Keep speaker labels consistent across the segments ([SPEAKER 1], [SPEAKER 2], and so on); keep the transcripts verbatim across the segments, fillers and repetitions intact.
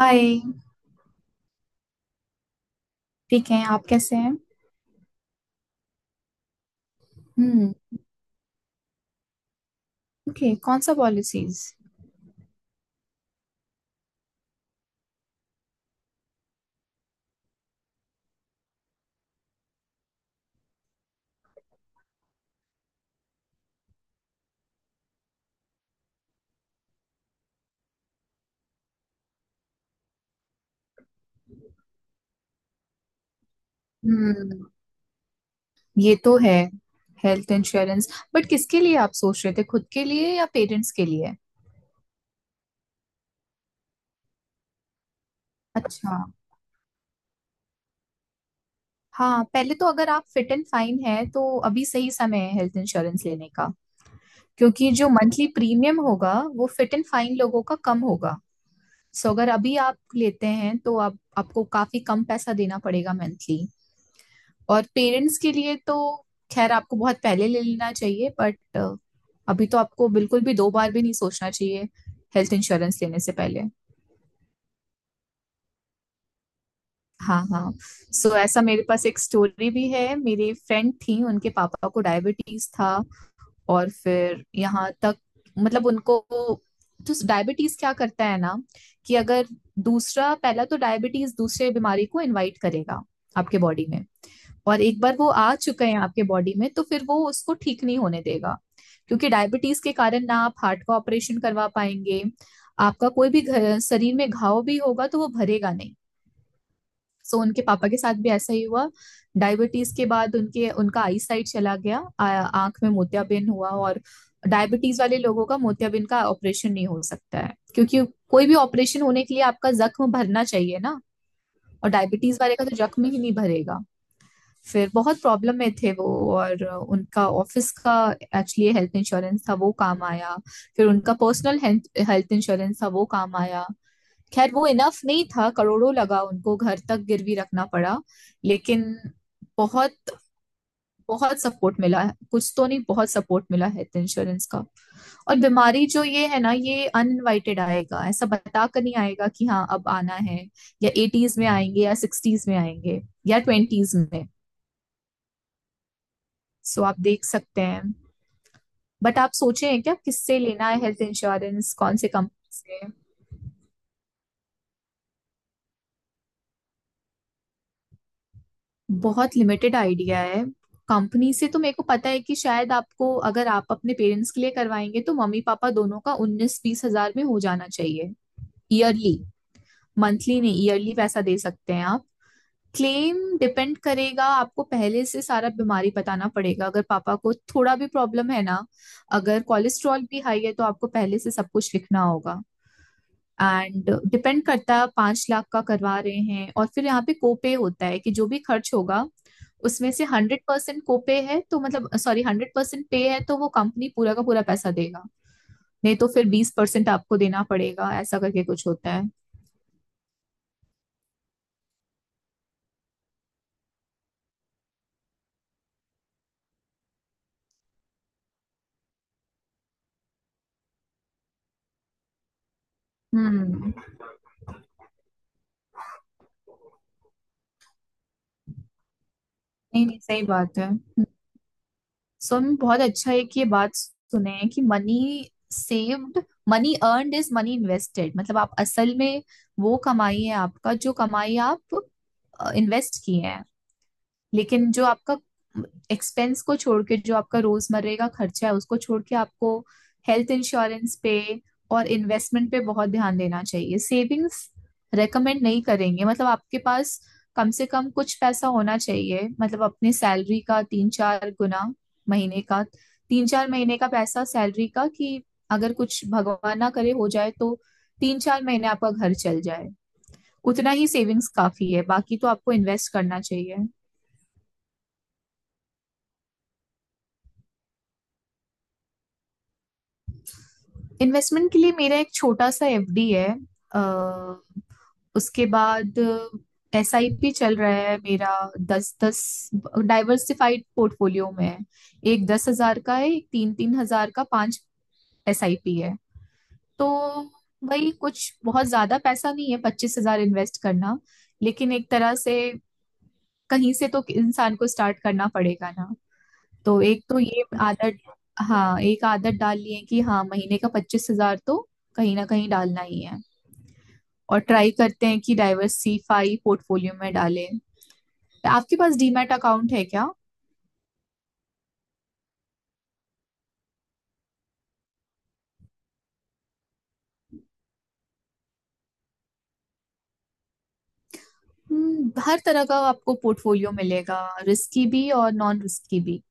[SPEAKER 1] हाय। ठीक है, आप कैसे हैं? हम्म। ओके, कौन सा पॉलिसीज? हम्म, ये तो है। हेल्थ इंश्योरेंस, बट किसके लिए आप सोच रहे थे, खुद के लिए या पेरेंट्स के लिए? अच्छा। हाँ, पहले तो अगर आप फिट एंड फाइन है तो अभी सही समय है हेल्थ इंश्योरेंस लेने का। क्योंकि जो मंथली प्रीमियम होगा वो फिट एंड फाइन लोगों का कम होगा। सो अगर अभी आप लेते हैं तो आप आपको काफी कम पैसा देना पड़ेगा मंथली। और पेरेंट्स के लिए तो खैर आपको बहुत पहले ले लेना चाहिए, बट अभी तो आपको बिल्कुल भी दो बार भी नहीं सोचना चाहिए हेल्थ इंश्योरेंस लेने से पहले। हाँ हाँ। सो so, ऐसा मेरे पास एक स्टोरी भी है। मेरी फ्रेंड थी, उनके पापा को डायबिटीज था। और फिर यहाँ तक, मतलब उनको, तो डायबिटीज क्या करता है ना? कि अगर दूसरा पहला तो डायबिटीज दूसरे बीमारी को इनवाइट करेगा आपके बॉडी में। और एक बार वो आ चुका है आपके बॉडी में तो फिर वो उसको ठीक नहीं होने देगा। क्योंकि डायबिटीज के कारण ना आप हार्ट का ऑपरेशन करवा पाएंगे। आपका कोई भी घ- शरीर में घाव भी होगा तो वो भरेगा नहीं। सो उनके पापा के साथ भी ऐसा ही हुआ। डायबिटीज के बाद उनके उनका आई साइट चला गया। आ- आंख में मोतियाबिंद हुआ और डायबिटीज वाले लोगों का मोतियाबिंद का ऑपरेशन नहीं हो सकता है, क्योंकि कोई भी ऑपरेशन होने के लिए आपका जख्म भरना चाहिए ना। और डायबिटीज वाले का तो जख्म ही नहीं भरेगा। फिर बहुत प्रॉब्लम में थे वो। और उनका ऑफिस का एक्चुअली हेल्थ इंश्योरेंस था, वो काम आया। फिर उनका पर्सनल हेल्थ इंश्योरेंस था, वो काम आया। खैर वो इनफ नहीं था, करोड़ों लगा, उनको घर तक गिरवी रखना पड़ा। लेकिन बहुत, बहुत सपोर्ट मिला है, कुछ तो नहीं बहुत सपोर्ट मिला हेल्थ इंश्योरेंस का। और बीमारी जो ये है ना, ये अनइनवाइटेड आएगा, ऐसा बता कर नहीं आएगा कि हाँ अब आना है। या एटीज में आएंगे या सिक्सटीज में आएंगे या ट्वेंटीज में। सो आप देख सकते हैं। बट आप सोचे हैं क्या किससे लेना है हेल्थ इंश्योरेंस, कौन से कंपनी से? बहुत लिमिटेड आइडिया है। कंपनी से तो मेरे को पता है कि शायद आपको अगर आप अपने पेरेंट्स के लिए करवाएंगे तो मम्मी पापा दोनों का उन्नीस बीस हजार में हो जाना चाहिए ईयरली। मंथली नहीं, ईयरली पैसा दे सकते हैं आप। क्लेम डिपेंड करेगा, आपको पहले से सारा बीमारी बताना पड़ेगा अगर पापा को थोड़ा भी प्रॉब्लम है ना। अगर कोलेस्ट्रॉल भी हाई है तो आपको पहले से सब कुछ लिखना होगा। एंड डिपेंड करता है, पांच लाख का करवा रहे हैं और फिर यहाँ पे कोपे होता है कि जो भी खर्च होगा उसमें से हंड्रेड परसेंट कोपे है तो मतलब सॉरी हंड्रेड परसेंट पे है तो वो कंपनी पूरा का पूरा पैसा देगा। नहीं तो फिर बीस परसेंट आपको देना पड़ेगा, ऐसा करके कुछ होता है। हम्म। नहीं नहीं, सही बात है। सो में बहुत अच्छा है कि ये बात सुने हैं कि money saved money earned is money invested. मतलब आप असल में वो कमाई है आपका, जो कमाई आप इन्वेस्ट किए हैं। लेकिन जो आपका एक्सपेंस को छोड़ के, जो आपका रोजमर्रे का खर्चा है उसको छोड़ के, आपको हेल्थ इंश्योरेंस पे और इन्वेस्टमेंट पे बहुत ध्यान देना चाहिए। सेविंग्स रेकमेंड नहीं करेंगे, मतलब आपके पास कम से कम कुछ पैसा होना चाहिए, मतलब अपने सैलरी का तीन चार गुना, महीने का, तीन चार महीने का पैसा सैलरी का, कि अगर कुछ भगवान ना करे हो जाए तो तीन चार महीने आपका घर चल जाए। उतना ही सेविंग्स काफी है, बाकी तो आपको इन्वेस्ट करना चाहिए। इन्वेस्टमेंट के लिए मेरा एक छोटा सा एफडी है। अ, उसके बाद एसआईपी चल रहा है मेरा। दस दस डाइवर्सिफाइड पोर्टफोलियो में है। एक दस हजार का है, एक तीन तीन हजार का, पांच एसआईपी है। तो भाई कुछ बहुत ज्यादा पैसा नहीं है, पच्चीस हजार इन्वेस्ट करना। लेकिन एक तरह से, कहीं से तो इंसान को स्टार्ट करना पड़ेगा ना। तो एक तो ये आदत, हाँ एक आदत डाल ली है कि हाँ महीने का पच्चीस हजार तो कहीं ना कहीं डालना ही है। और ट्राई करते हैं कि डाइवर्सिफाई पोर्टफोलियो में डालें। आपके पास डीमैट अकाउंट है क्या? हम्म, हर तरह का आपको पोर्टफोलियो मिलेगा, रिस्की भी और नॉन रिस्की भी।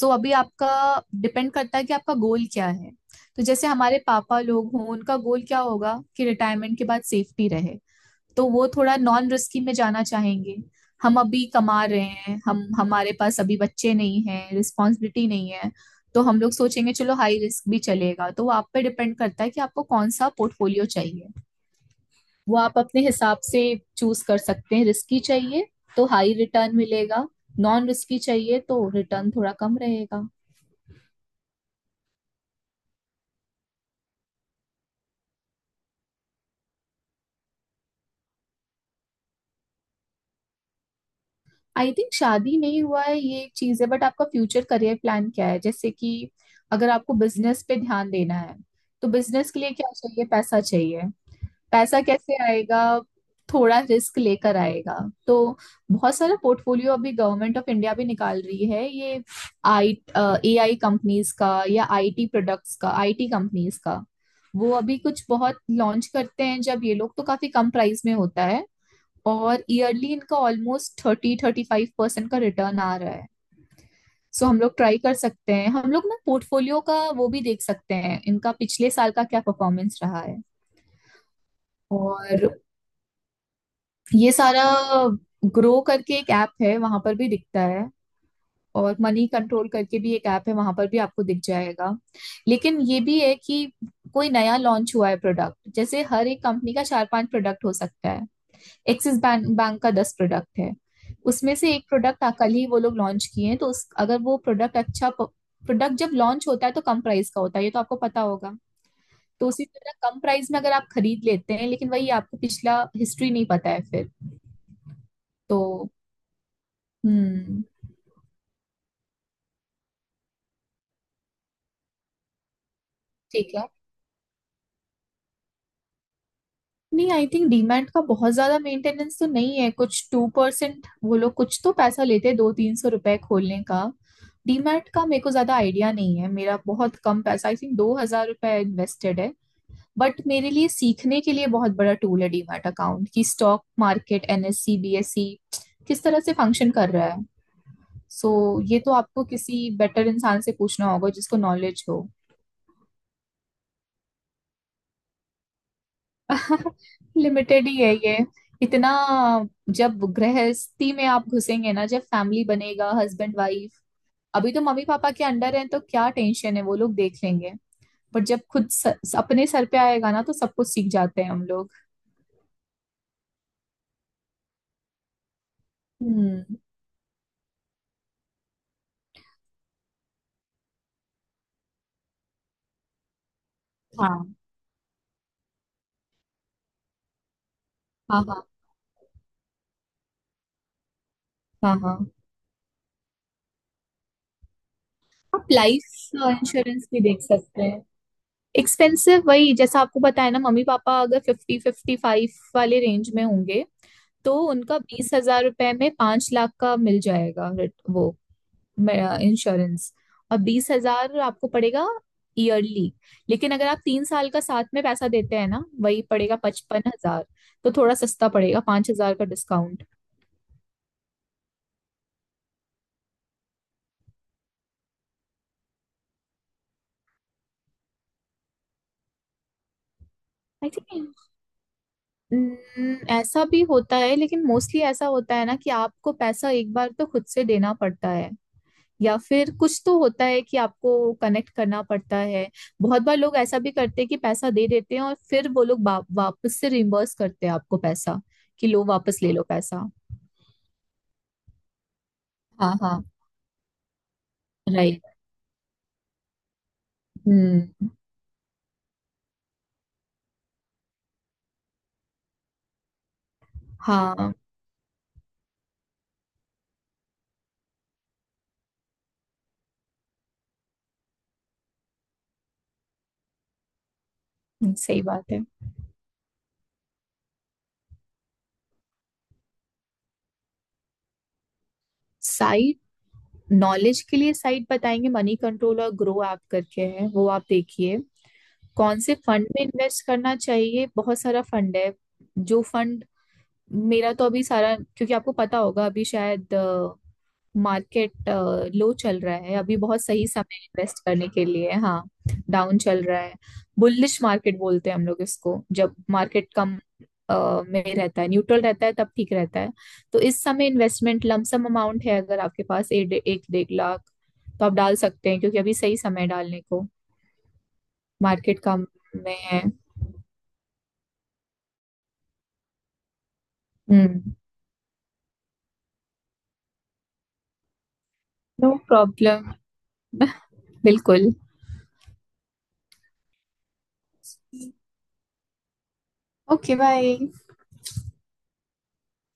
[SPEAKER 1] सो so, अभी आपका डिपेंड करता है कि आपका गोल क्या है। तो जैसे हमारे पापा लोग हों, उनका गोल क्या होगा कि रिटायरमेंट के बाद सेफ्टी रहे, तो वो थोड़ा नॉन रिस्की में जाना चाहेंगे। हम अभी कमा रहे हैं, हम हमारे पास अभी बच्चे नहीं हैं, रिस्पॉन्सिबिलिटी नहीं है, तो हम लोग सोचेंगे चलो हाई रिस्क भी चलेगा। तो वो आप पे डिपेंड करता है कि आपको कौन सा पोर्टफोलियो चाहिए। वो आप अपने हिसाब से चूज कर सकते हैं। रिस्की चाहिए तो हाई रिटर्न मिलेगा, नॉन रिस्की चाहिए तो रिटर्न थोड़ा कम रहेगा। आई थिंक शादी नहीं हुआ है ये एक चीज है, बट आपका फ्यूचर करियर प्लान क्या है? जैसे कि अगर आपको बिजनेस पे ध्यान देना है तो बिजनेस के लिए क्या चाहिए? पैसा चाहिए। पैसा कैसे आएगा? थोड़ा रिस्क लेकर आएगा। तो बहुत सारा पोर्टफोलियो अभी गवर्नमेंट ऑफ इंडिया भी निकाल रही है, ये आई ए आई कंपनीज का या आईटी प्रोडक्ट्स का आईटी कंपनीज का। वो अभी कुछ बहुत लॉन्च करते हैं जब ये लोग, तो काफी कम प्राइस में होता है और ईयरली इनका almost thirty thirty five percent का रिटर्न आ रहा है। सो हम लोग ट्राई कर सकते हैं, हम लोग ना पोर्टफोलियो का वो भी देख सकते हैं इनका पिछले साल का क्या परफॉर्मेंस रहा है। और ये सारा ग्रो करके एक ऐप है, वहां पर भी दिखता है। और मनी कंट्रोल करके भी एक ऐप है, वहां पर भी आपको दिख जाएगा। लेकिन ये भी है कि कोई नया लॉन्च हुआ है प्रोडक्ट, जैसे हर एक कंपनी का चार पांच प्रोडक्ट हो सकता है। एक्सिस बैंक बैंक का दस प्रोडक्ट है। उसमें से एक प्रोडक्ट कल ही वो लोग लॉन्च किए हैं तो उस अगर वो प्रोडक्ट, अच्छा प्रोडक्ट जब लॉन्च होता है तो कम प्राइस का होता है, ये तो आपको पता होगा। तो उसी तरह कम प्राइस में अगर आप खरीद लेते हैं, लेकिन वही आपको पिछला हिस्ट्री नहीं पता है फिर। तो हम्म। ठीक है, नहीं आई थिंक डीमैट का बहुत ज्यादा मेंटेनेंस तो नहीं है कुछ, टू परसेंट वो लोग कुछ तो पैसा लेते हैं, दो तीन सौ रुपए खोलने का। डीमैट का मेरे को ज्यादा आइडिया नहीं है, मेरा बहुत कम पैसा आई थिंक दो हजार रुपये इन्वेस्टेड है। बट मेरे लिए सीखने के लिए बहुत बड़ा टूल है डीमैट अकाउंट कि स्टॉक मार्केट एनएससी बीएससी किस तरह से फंक्शन कर रहा है। सो so, ये तो आपको किसी बेटर इंसान से पूछना होगा जिसको नॉलेज हो। लिमिटेड ही है ये इतना। जब गृहस्थी में आप घुसेंगे ना, जब फैमिली बनेगा हस्बैंड वाइफ। अभी तो मम्मी पापा के अंडर हैं तो क्या टेंशन है, वो लोग देख लेंगे। बट जब खुद स, अपने सर पे आएगा ना तो सब कुछ सीख जाते हैं हम लोग। हम्म। हाँ, हाँ, हाँ, हाँ, हाँ। आप लाइफ इंश्योरेंस भी देख सकते हैं। एक्सपेंसिव, वही जैसा आपको बताया ना, मम्मी पापा अगर फिफ्टी फिफ्टी फाइव वाले रेंज में होंगे तो उनका बीस हजार रुपए में पांच लाख का मिल जाएगा, रिट- वो इंश्योरेंस। और बीस हजार आपको पड़ेगा ईयरली। लेकिन अगर आप तीन साल का साथ में पैसा देते हैं ना, वही पड़ेगा पचपन हजार। तो थोड़ा सस्ता पड़ेगा, पांच हजार का डिस्काउंट। आई थिंक न- ऐसा भी होता है, लेकिन मोस्टली ऐसा होता है ना कि आपको पैसा एक बार तो खुद से देना पड़ता है। या फिर कुछ तो होता है कि आपको कनेक्ट करना पड़ता है। बहुत बार लोग ऐसा भी करते हैं कि पैसा दे देते हैं और फिर वो लोग वा, वापस से रिम्बर्स करते हैं आपको पैसा, कि लो वापस ले लो पैसा। हाँ हाँ। राइट। हम्म। हाँ सही बात है। साइट, नॉलेज के लिए साइट बताएंगे मनी कंट्रोल और ग्रो ऐप करके है, वो आप देखिए। कौन से फंड में इन्वेस्ट करना चाहिए, बहुत सारा फंड है। जो फंड मेरा तो अभी सारा, क्योंकि आपको पता होगा अभी शायद मार्केट लो चल रहा है, अभी बहुत सही समय इन्वेस्ट करने के लिए। हाँ डाउन चल रहा है। बुलिश मार्केट बोलते हैं हम लोग इसको, जब मार्केट कम अ, में रहता है, न्यूट्रल रहता है तब ठीक रहता है। तो इस समय इन्वेस्टमेंट लमसम अमाउंट है, अगर आपके पास एक एक डेढ़ लाख तो आप डाल सकते हैं क्योंकि अभी सही समय है डालने को, मार्केट कम में है। हम्म। No problem. बिल्कुल। Okay, bye.